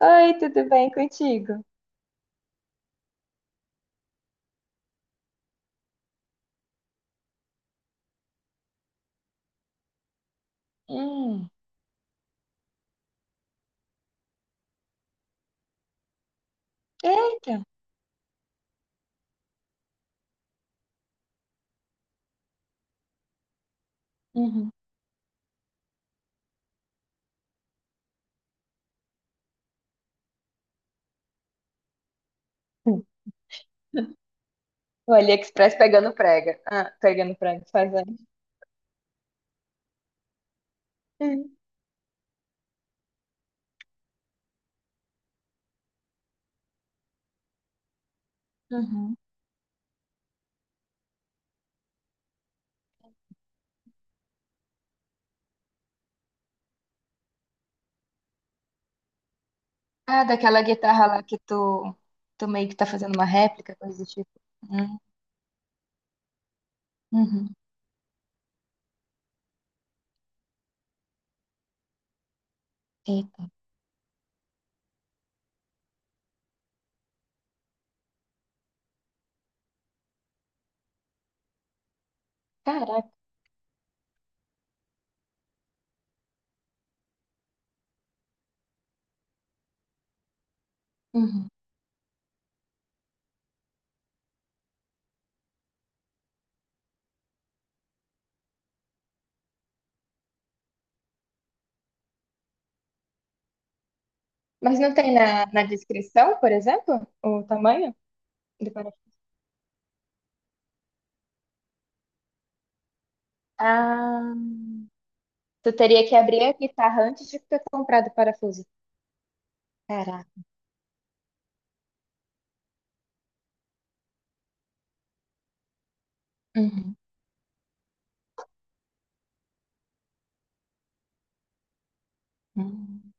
Oi, tudo bem contigo? Hum. eita. Uhum. O AliExpress pegando prega. Ah, pegando prega, fazendo. Uhum. Uhum. Ah, daquela guitarra lá que tu meio que tá fazendo uma réplica, coisa do tipo. Hum. Uhum. Eita. Caraca. Uhum. Mas não tem na descrição, por exemplo, o tamanho do parafuso? Ah, tu teria que abrir a guitarra antes de ter comprado o parafuso. Caraca. Uhum. Uhum.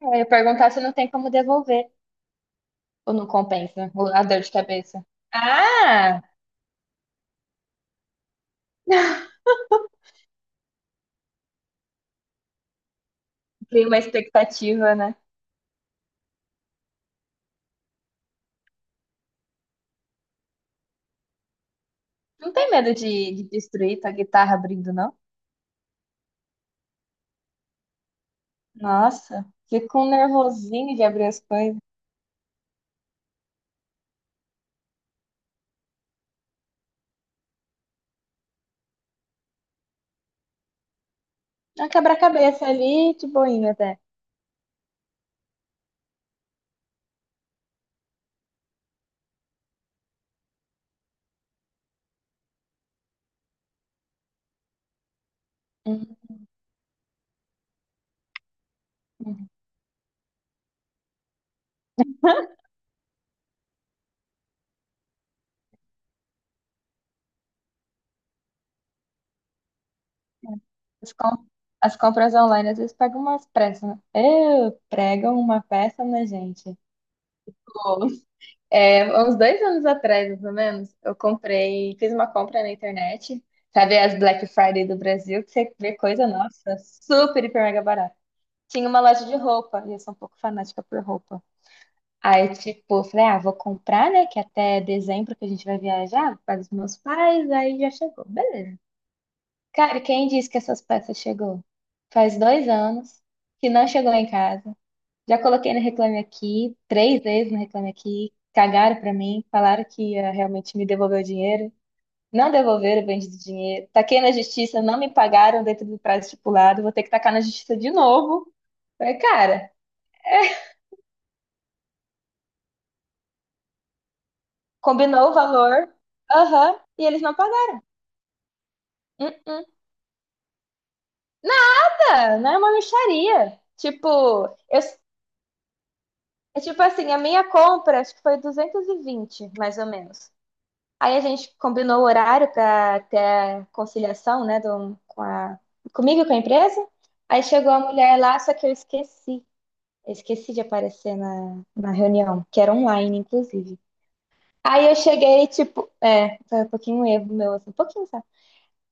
É, eu ia perguntar se não tem como devolver, ou não compensa, o a dor de cabeça. Ah! Cria uma expectativa, né? Não tem medo de destruir tua guitarra abrindo, não? Nossa, fico um nervosinho de abrir as coisas. É um quebra-cabeça ali, de boinha até. Hum, hum. As, com- as compras online às vezes pegam umas pressas, né? Pregam uma peça, né, gente? Pô. É, há uns 2 anos atrás, mais ou menos, eu comprei, fiz uma compra na internet, sabe as Black Friday do Brasil, que você vê coisa, nossa, super, hiper, mega barata. Tinha uma loja de roupa, e eu sou um pouco fanática por roupa. Aí, tipo, eu falei, ah, vou comprar, né, que até dezembro que a gente vai viajar, para os meus pais, aí já chegou, beleza. Cara, quem disse que essas peças chegou? Faz 2 anos que não chegou em casa. Já coloquei no Reclame Aqui, três vezes no Reclame Aqui, cagaram pra mim, falaram que ia realmente me devolver o dinheiro, não devolveram o bendito dinheiro, taquei na justiça, não me pagaram dentro do prazo estipulado, vou ter que tacar na justiça de novo. Falei, cara, combinou o valor, aham, e eles não pagaram. Hum, hum. Nada, não é uma mixaria. Tipo, eu, é tipo assim, a minha compra acho que foi 220 mais ou menos. Aí a gente combinou o horário para ter a conciliação, né, comigo e com a empresa. Aí chegou a mulher lá, só que eu esqueci. Eu esqueci de aparecer na reunião, que era online, inclusive. Aí eu cheguei, tipo, é, foi um pouquinho um erro meu, assim, um pouquinho, sabe?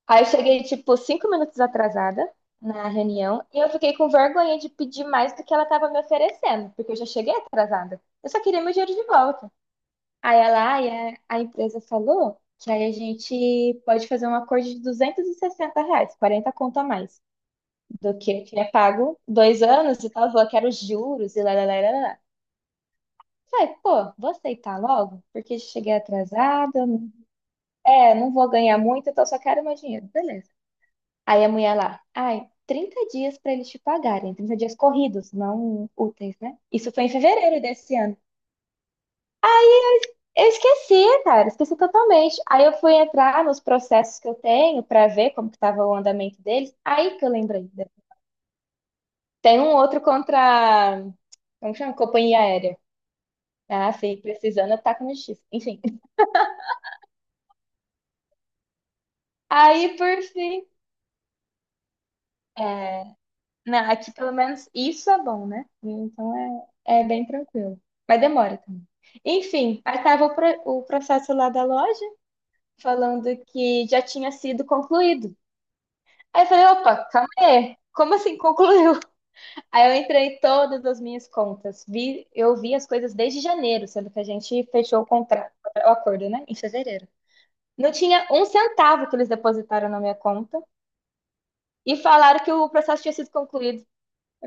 Aí eu cheguei, tipo, 5 minutos atrasada na reunião e eu fiquei com vergonha de pedir mais do que ela estava me oferecendo, porque eu já cheguei atrasada. Eu só queria meu dinheiro de volta. Aí a empresa falou que aí a gente pode fazer um acordo de R$ 260, 40 conto a mais, do que é pago 2 anos e tal, falou que era os juros e lá, lá, lá, lá, lá. Falei, pô, vou aceitar logo, porque cheguei atrasada, é, não vou ganhar muito, então só quero meu dinheiro, beleza. Aí a mulher lá, ai, 30 dias para eles te pagarem, 30 dias corridos, não úteis, né? Isso foi em fevereiro desse ano. Eu esqueci, cara, esqueci totalmente. Aí eu fui entrar nos processos que eu tenho para ver como que estava o andamento deles. Aí que eu lembrei, né? Tem um outro contra, como chama? Companhia aérea. Ah, sim, precisando, tá com justiça. Enfim. Aí, por fim, é, não, aqui pelo menos isso é bom, né? Então é, bem tranquilo. Mas demora também. Enfim, aí estava o processo lá da loja falando que já tinha sido concluído. Aí eu falei, opa, calma aí. Como assim concluiu? Aí eu entrei em todas as minhas contas. Eu vi as coisas desde janeiro, sendo que a gente fechou o contrato, o acordo, né? Em fevereiro. Não tinha um centavo que eles depositaram na minha conta e falaram que o processo tinha sido concluído. Eu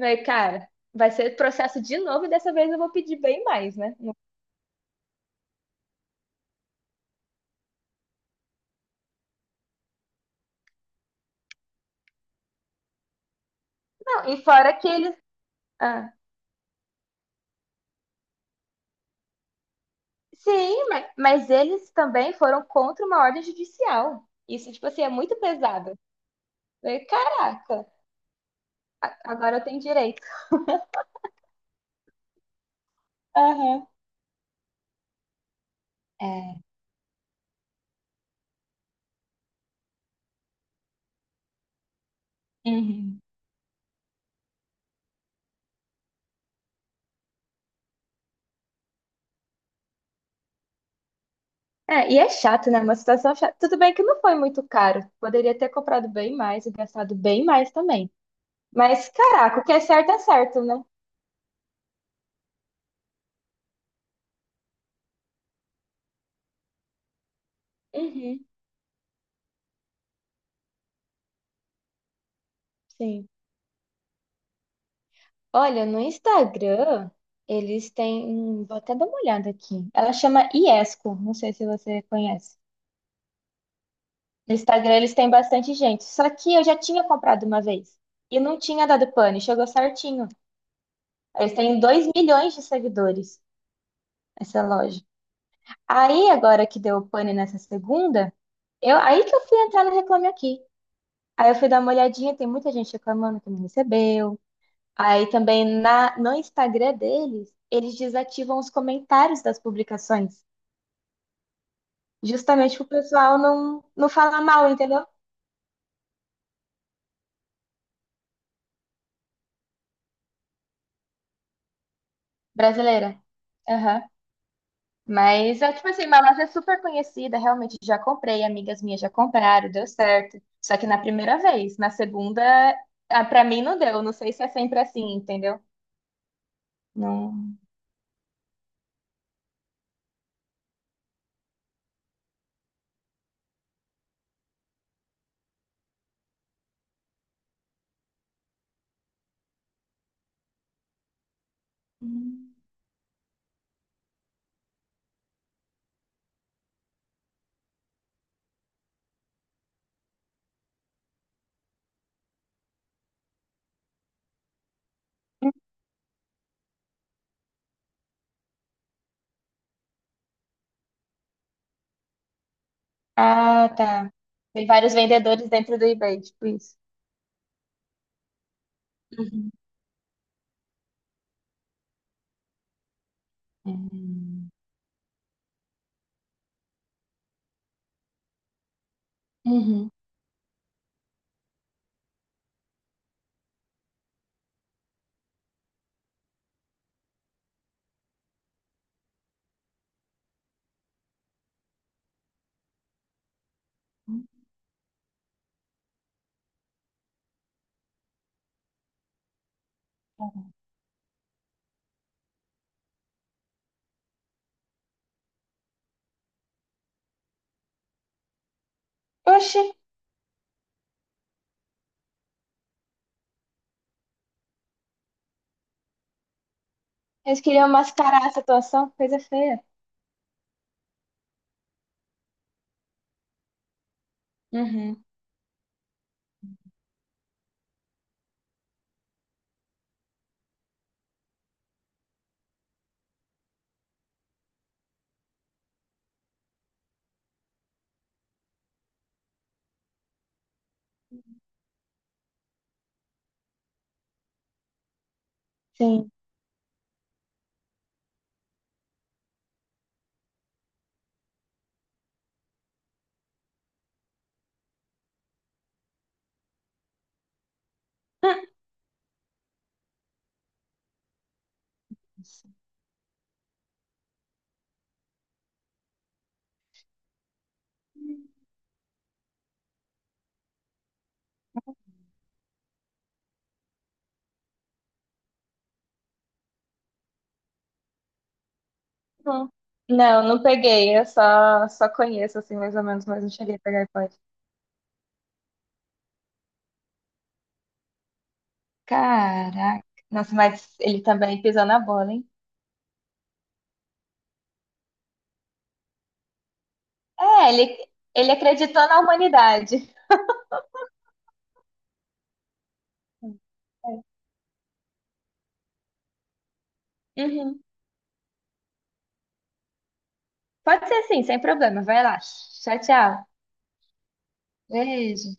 falei, cara, vai ser processo de novo e dessa vez eu vou pedir bem mais, né? Não, e fora que eles. Ah, sim, mas eles também foram contra uma ordem judicial. Isso, tipo assim, é muito pesado. Eu falei, caraca, agora eu tenho direito. Aham. É. Uhum. É, e é chato, né? Uma situação chata. Tudo bem que não foi muito caro. Poderia ter comprado bem mais e gastado bem mais também. Mas, caraca, o que é certo, né? Uhum, sim. Olha, no Instagram, eles têm. Vou até dar uma olhada aqui. Ela chama Iesco, não sei se você conhece. No Instagram, eles têm bastante gente. Só que eu já tinha comprado uma vez. E não tinha dado pane, chegou certinho. Eles têm 2 milhões de seguidores, essa loja. Aí, agora que deu pane nessa segunda, aí que eu fui entrar no Reclame Aqui. Aí eu fui dar uma olhadinha, tem muita gente reclamando que não recebeu. Aí também no Instagram deles, eles desativam os comentários das publicações, justamente pro pessoal não falar mal, entendeu? Brasileira. Aham. Mas é tipo assim, Mamas é super conhecida, realmente já comprei, amigas minhas já compraram, deu certo. Só que na primeira vez, na segunda, ah, pra mim não deu, não sei se é sempre assim, entendeu? Não. Ah, tá. Tem vários vendedores dentro do eBay, tipo isso. Uhum. Hum. Uhum. Oxe, eles queriam mascarar a situação, coisa feia. Uhum. Sim. Hum. Não, não peguei. Eu só conheço, assim, mais ou menos, mas não cheguei a pegar iPod. Caraca. Nossa, mas ele também pisou na bola, hein? É, ele acreditou na humanidade. É. Uhum. Pode ser assim, sem problema. Vai lá. Tchau, tchau. Beijo.